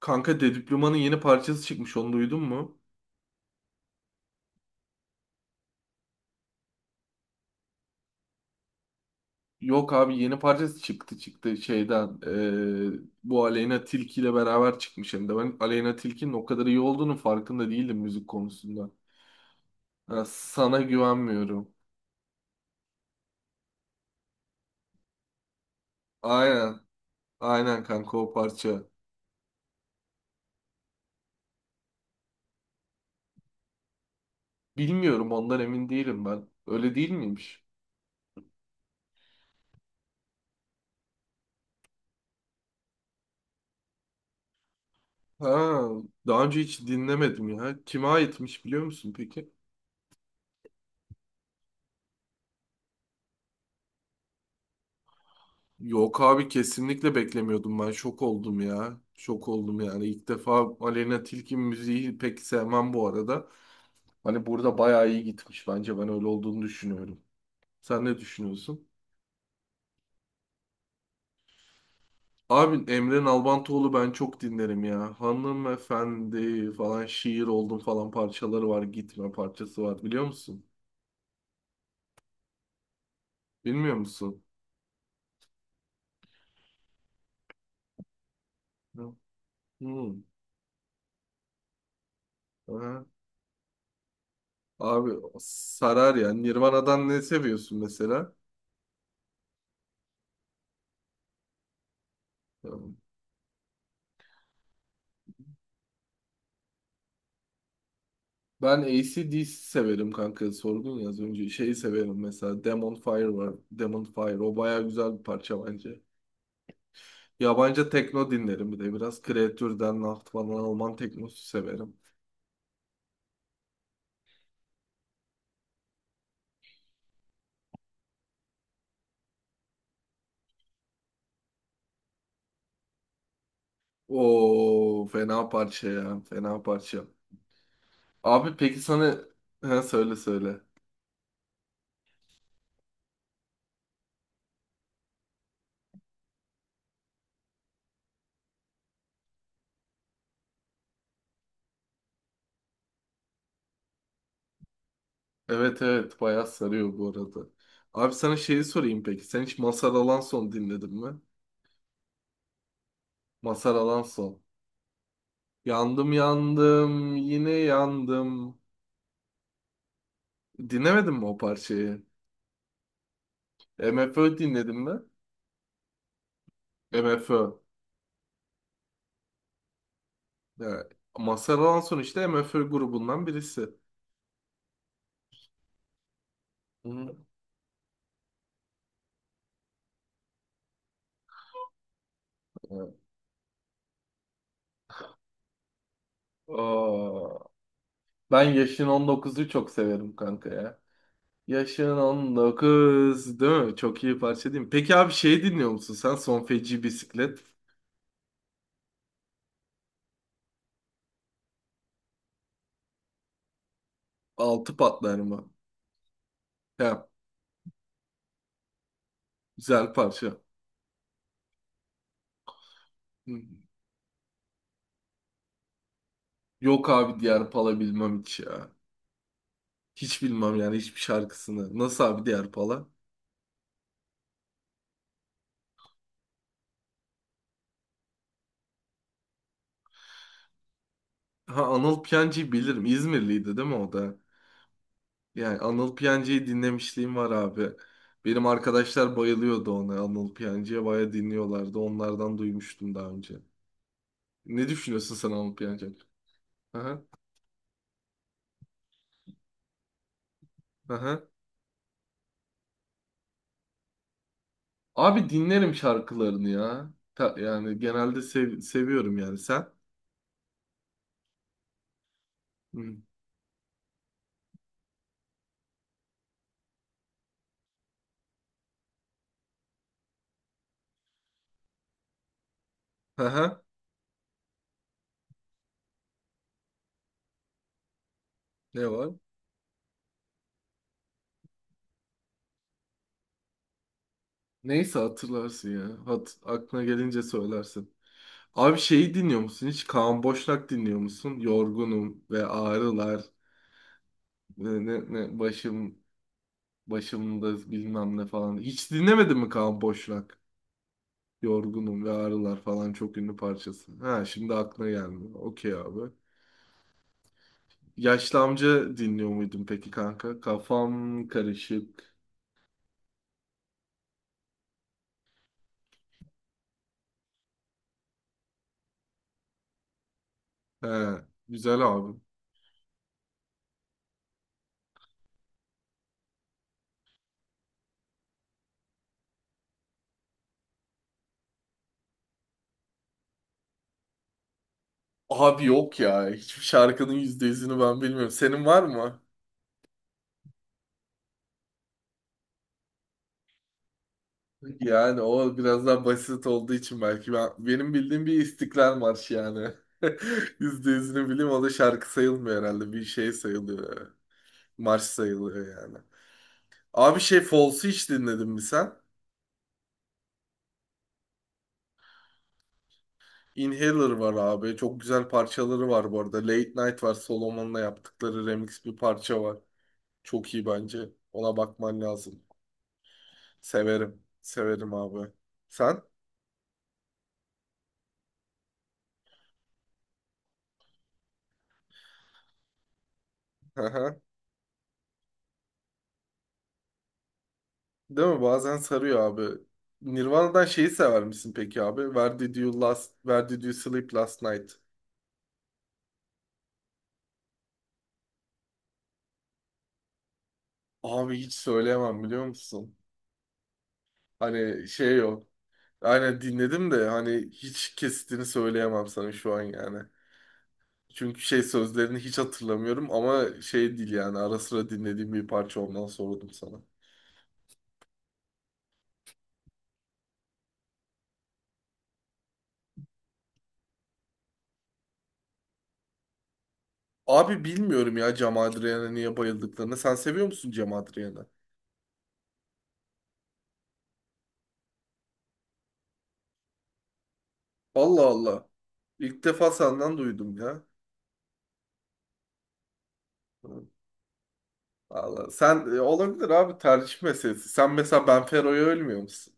Kanka Dediploman'ın yeni parçası çıkmış onu duydun mu? Yok abi yeni parçası çıktı şeyden bu Aleyna Tilki ile beraber çıkmış hem de ben Aleyna Tilki'nin o kadar iyi olduğunu farkında değildim müzik konusunda. Ha, sana güvenmiyorum. Aynen aynen kanka o parça. Bilmiyorum ondan emin değilim ben. Öyle değil miymiş? Ha, daha önce hiç dinlemedim ya. Kime aitmiş biliyor musun peki? Yok abi kesinlikle beklemiyordum ben. Şok oldum ya. Şok oldum yani. İlk defa Aleyna Tilki müziği pek sevmem bu arada. Hani burada bayağı iyi gitmiş bence. Ben öyle olduğunu düşünüyorum. Sen ne düşünüyorsun? Abi Emre Nalbantoğlu ben çok dinlerim ya. Hanımefendi falan şiir oldum falan parçaları var. Gitme parçası var biliyor musun? Bilmiyor musun? Yok. Hmm. Aha. Abi sarar ya. Nirvana'dan ne seviyorsun mesela? Ben AC/DC severim kanka. Sordun ya az önce. Şeyi severim mesela. Demon Fire var. Demon Fire. O baya güzel bir parça bence. Yabancı tekno dinlerim bir de. Biraz Kreatür'den, Nacht falan Alman teknosu severim. Oo fena parça ya. Fena parça. Abi peki sana... Ha, söyle söyle. Evet evet bayağı sarıyor bu arada. Abi sana şeyi sorayım peki. Sen hiç Mazhar Alanson dinledin mi? Mazhar Alanson. Yandım yandım yine yandım. Dinlemedin mi o parçayı? MFÖ dinledin mi? MFÖ. Yani Mazhar Alanson işte MFÖ grubundan birisi. Hı. Evet. Aa, ben yaşın 19'u çok severim kanka ya. Yaşın 19 değil mi? Çok iyi parça değil mi? Peki abi şey dinliyor musun sen? Son Feci Bisiklet. Altı patlar mı? Ya, güzel parça. Hı. Yok abi diğer pala bilmem hiç ya. Hiç bilmem yani hiçbir şarkısını. Nasıl abi diğer pala? Ha Anıl Piyancı'yı bilirim. İzmirliydi değil mi o da? Yani Anıl Piyancı'yı dinlemişliğim var abi. Benim arkadaşlar bayılıyordu ona. Anıl Piyancı'ya bayağı dinliyorlardı. Onlardan duymuştum daha önce. Ne düşünüyorsun sen Anıl Piyancı hakkında? Aha, aha. Abi dinlerim şarkılarını ya. Yani genelde seviyorum yani sen. Hı. Aha, ne var? Neyse hatırlarsın ya. Hat aklına gelince söylersin. Abi şeyi dinliyor musun? Hiç Kaan Boşnak dinliyor musun? Yorgunum ve ağrılar. Ne, ne, ne, başım başımda bilmem ne falan. Hiç dinlemedin mi Kaan Boşnak? Yorgunum ve Ağrılar falan çok ünlü parçası. Ha şimdi aklına gelmiyor. Okey abi. Yaşlı amca dinliyor muydun peki kanka? Kafam karışık. He, güzel abi. Abi yok ya. Hiçbir şarkının yüzde yüzünü ben bilmiyorum. Senin var mı? Yani o biraz daha basit olduğu için belki. Benim bildiğim bir İstiklal Marşı yani. Yüzde yüzünü bileyim o da şarkı sayılmıyor herhalde. Bir şey sayılıyor. Marş sayılıyor yani. Abi şey Falls'ı hiç dinledin mi sen? Inhaler var abi. Çok güzel parçaları var bu arada. Late Night var. Solomon'la yaptıkları remix bir parça var. Çok iyi bence. Ona bakman lazım. Severim. Severim abi. Sen? Değil mi? Bazen sarıyor abi. Nirvana'dan şeyi sever misin peki abi? Where did you sleep last night? Abi hiç söyleyemem biliyor musun? Hani şey yok. Aynen dinledim de hani hiç kesitini söyleyemem sana şu an yani. Çünkü şey sözlerini hiç hatırlamıyorum ama şey değil yani ara sıra dinlediğim bir parça ondan sordum sana. Abi bilmiyorum ya Cem Adrian'a niye bayıldıklarını. Sen seviyor musun Cem Adrian'ı? Allah Allah. İlk defa senden duydum ya. Vallahi sen olabilir abi tercih meselesi. Sen mesela Benfero'ya ölmüyor musun?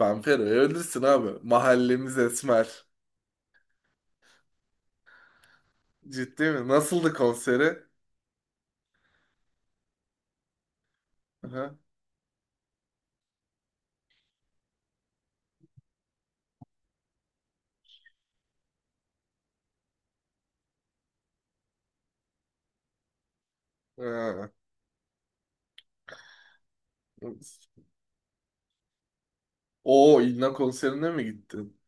Benfero'ya ölürsün abi. Mahallemiz Esmer. Ciddi mi? Nasıldı konseri? Aha. Ha. Oo İlna konserine mi gittin?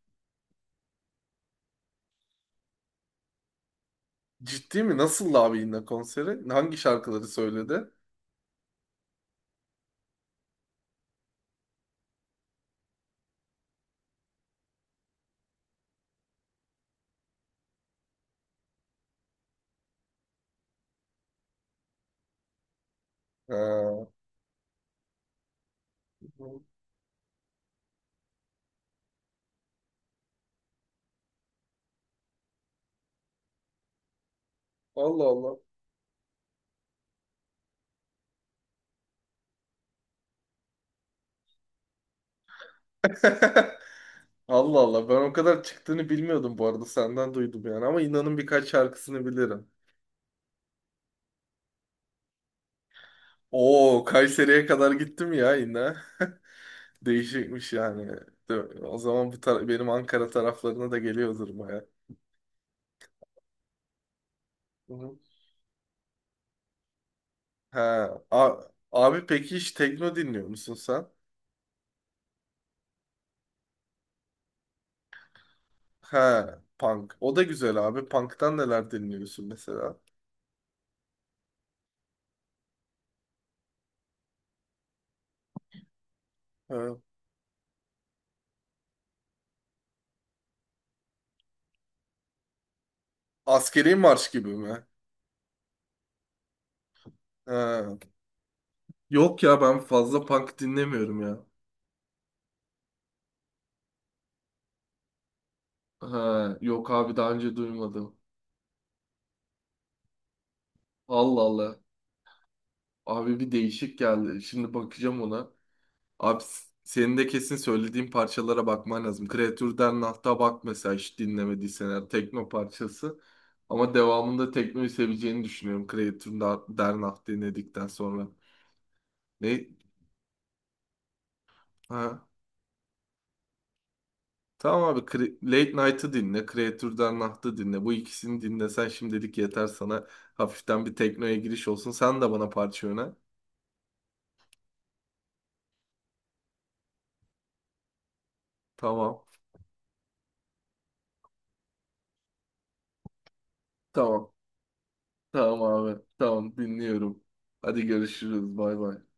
Ciddi mi? Nasıldı abi İlna konseri? Hangi şarkıları söyledi? Ha. Allah Allah. Allah Allah, ben o kadar çıktığını bilmiyordum bu arada senden duydum yani ama İlna'nın birkaç şarkısını bilirim. Oo Kayseri'ye kadar gittim ya İlna. Değişikmiş yani. O zaman bu benim Ankara taraflarına da geliyordur baya. Hı hı. Ha, abi peki hiç tekno dinliyor musun sen? Ha, punk. O da güzel abi. Punk'tan neler dinliyorsun mesela? Ha. Askeri marş gibi mi? Ha. Yok ya ben fazla punk dinlemiyorum ya. Ha, yok abi daha önce duymadım. Allah Allah. Abi bir değişik geldi. Şimdi bakacağım ona. Abi senin de kesin söylediğim parçalara bakman lazım. Kreatür Dernacht'a bak mesela hiç dinlemediysen eğer tekno parçası. Ama devamında teknoyu seveceğini düşünüyorum Kreatür Dernacht dinledikten sonra. Ne? Ha. Tamam abi Late Night'ı dinle, Kreatür Dernacht'ı dinle. Bu ikisini dinlesen şimdilik yeter sana. Hafiften bir teknoya giriş olsun. Sen de bana parça öner. Tamam. Tamam. Tamam abi. Tamam dinliyorum. Hadi görüşürüz. Bay bay.